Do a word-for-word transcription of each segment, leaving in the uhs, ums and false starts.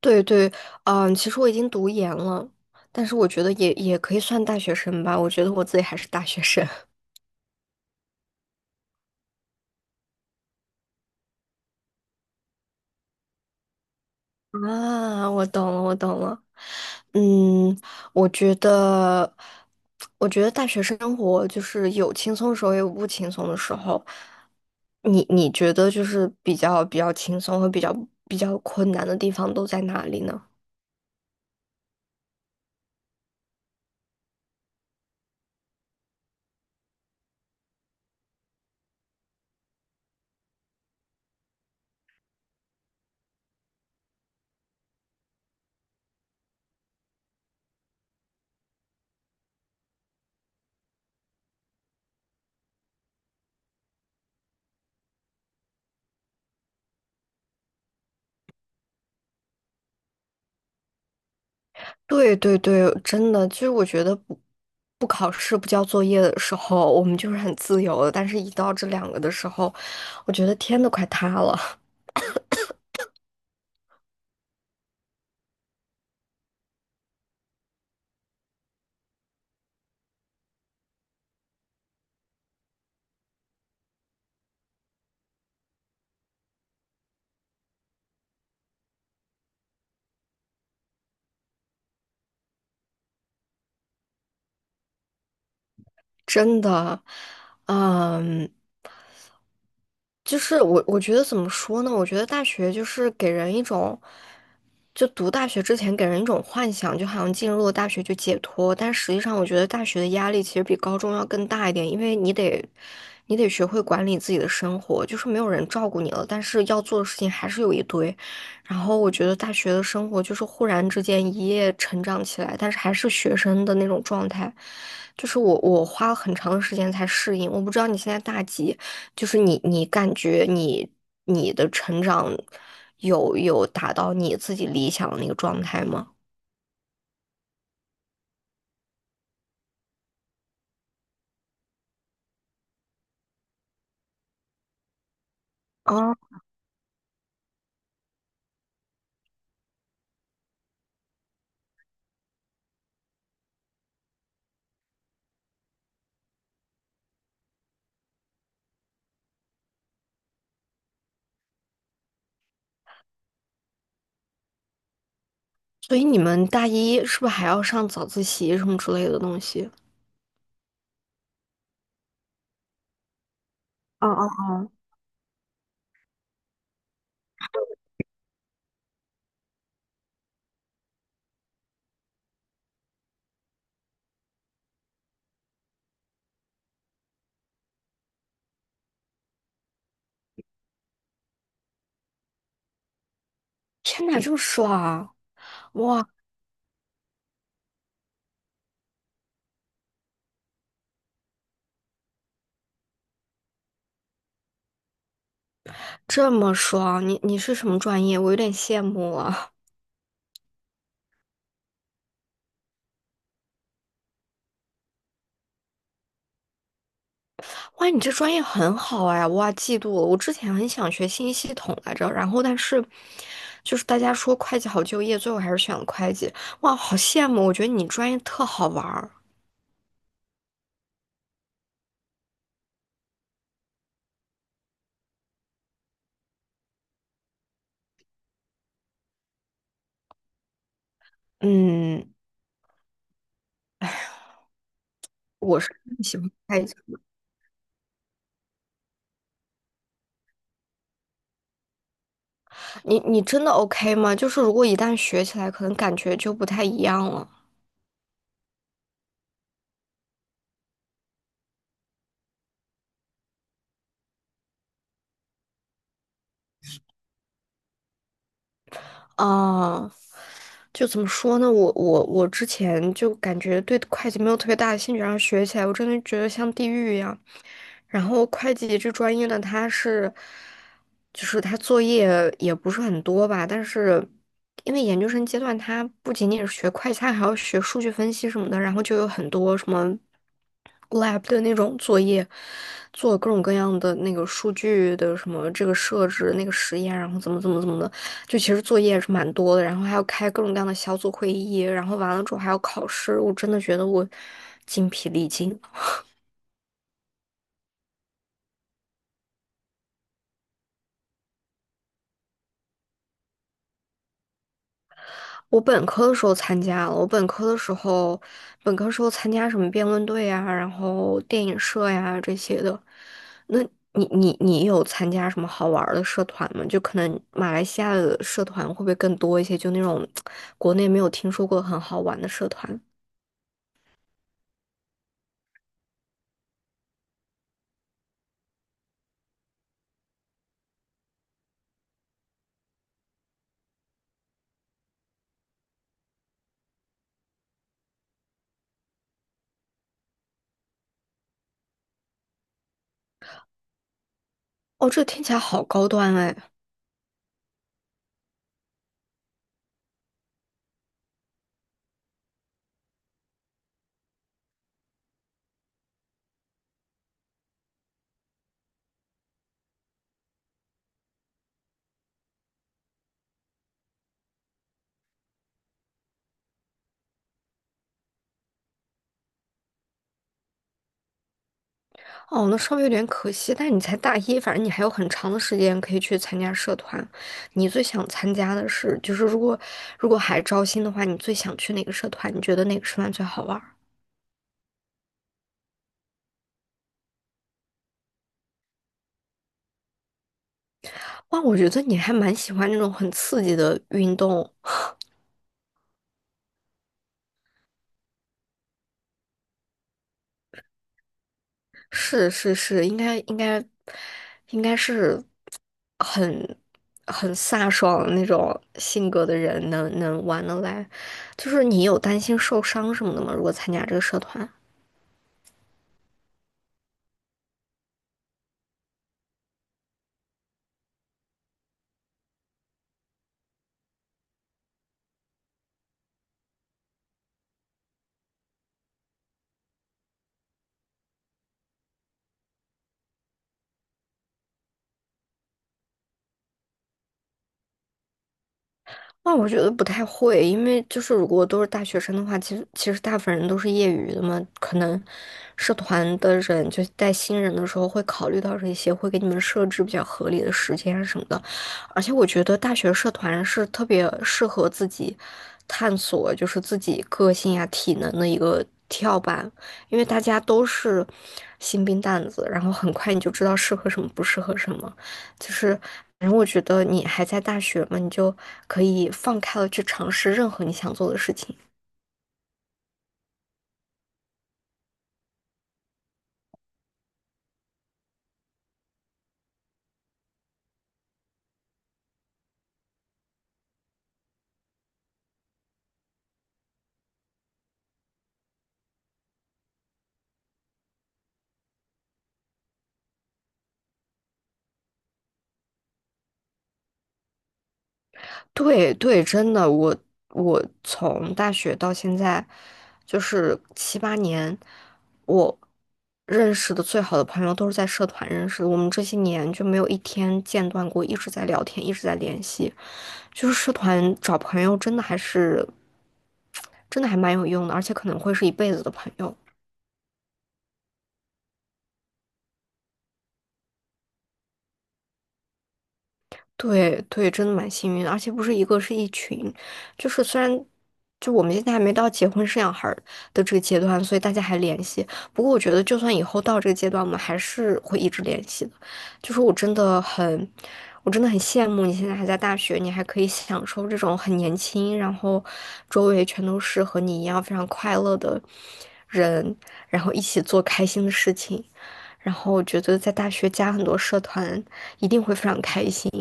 对对，嗯，其实我已经读研了，但是我觉得也也可以算大学生吧，我觉得我自己还是大学生。啊，我懂了，我懂了。嗯，我觉得，我觉得大学生活就是有轻松的时候，也有不轻松的时候。你你觉得就是比较比较轻松和比较比较困难的地方都在哪里呢？对对对，真的，其实我觉得不不考试、不交作业的时候，我们就是很自由的，但是一到这两个的时候，我觉得天都快塌了。真的。嗯。就是我，我觉得怎么说呢？我觉得大学就是给人一种，就读大学之前给人一种幻想，就好像进入了大学就解脱。但实际上，我觉得大学的压力其实比高中要更大一点，因为你得，你得学会管理自己的生活，就是没有人照顾你了，但是要做的事情还是有一堆。然后我觉得大学的生活就是忽然之间一夜成长起来，但是还是学生的那种状态，就是我我花了很长的时间才适应。我不知道你现在大几。就是你你感觉你你的成长有有达到你自己理想的那个状态吗？啊，所以你们大一是不是还要上早自习什么之类的东西？哦哦哦。天哪，这么爽！哇，这么爽！你你是什么专业？我有点羡慕啊。哇，你这专业很好哎，哇，嫉妒了。我之前很想学信息系统来着，然后但是就是大家说会计好就业，最后还是选了会计。哇，好羡慕！我觉得你专业特好玩儿。嗯，我是喜欢会计。你你真的 OK 吗？就是如果一旦学起来，可能感觉就不太一样了。啊，就怎么说呢？我我我之前就感觉对会计没有特别大的兴趣，然后学起来，我真的觉得像地狱一样。然后会计这专业呢，它是，就是它作业也不是很多吧，但是因为研究生阶段，它不仅仅是学会计，它还要学数据分析什么的，然后就有很多什么 lab 的那种作业，做各种各样的那个数据的什么这个设置、那个实验，然后怎么怎么怎么的，就其实作业是蛮多的，然后还要开各种各样的小组会议，然后完了之后还要考试，我真的觉得我精疲力尽。我本科的时候参加了，我本科的时候，本科时候参加什么辩论队呀，然后电影社呀这些的。那你你你有参加什么好玩儿的社团吗？就可能马来西亚的社团会不会更多一些？就那种 国内没有听说过很好玩的社团。哦，这听起来好高端哎。哦，那稍微有点可惜，但是你才大一，反正你还有很长的时间可以去参加社团。你最想参加的是，就是如果如果还招新的话，你最想去哪个社团？你觉得哪个社团最好玩儿？哇，我觉得你还蛮喜欢那种很刺激的运动。是是是，应该应该应该是很很飒爽的那种性格的人能能玩得来。就是你有担心受伤什么的吗？如果参加这个社团？那我觉得不太会，因为就是如果都是大学生的话，其实其实大部分人都是业余的嘛，可能社团的人就带新人的时候会考虑到这些，会给你们设置比较合理的时间啊什么的。而且我觉得大学社团是特别适合自己探索，就是自己个性呀、体能的一个跳板，因为大家都是新兵蛋子，然后很快你就知道适合什么，不适合什么。就是，反正我觉得你还在大学嘛，你就可以放开了去尝试任何你想做的事情。对对，真的，我我从大学到现在，就是七八年，我认识的最好的朋友都是在社团认识的，我们这些年就没有一天间断过，一直在聊天，一直在联系。就是社团找朋友，真的还是，真的还蛮有用的，而且可能会是一辈子的朋友。对对，真的蛮幸运的，而且不是一个，是一群。就是虽然就我们现在还没到结婚生小孩儿的这个阶段，所以大家还联系。不过我觉得，就算以后到这个阶段，我们还是会一直联系的。就是我真的很，我真的很羡慕你现在还在大学，你还可以享受这种很年轻，然后周围全都是和你一样非常快乐的人，然后一起做开心的事情。然后我觉得在大学加很多社团，一定会非常开心。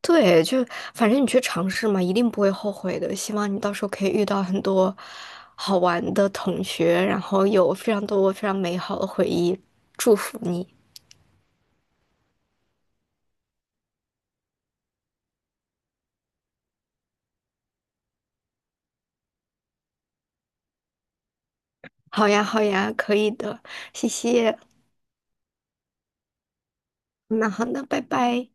对，就反正你去尝试嘛，一定不会后悔的。希望你到时候可以遇到很多好玩的同学，然后有非常多非常美好的回忆。祝福你。好呀，好呀，可以的，谢谢。那好，的，拜拜。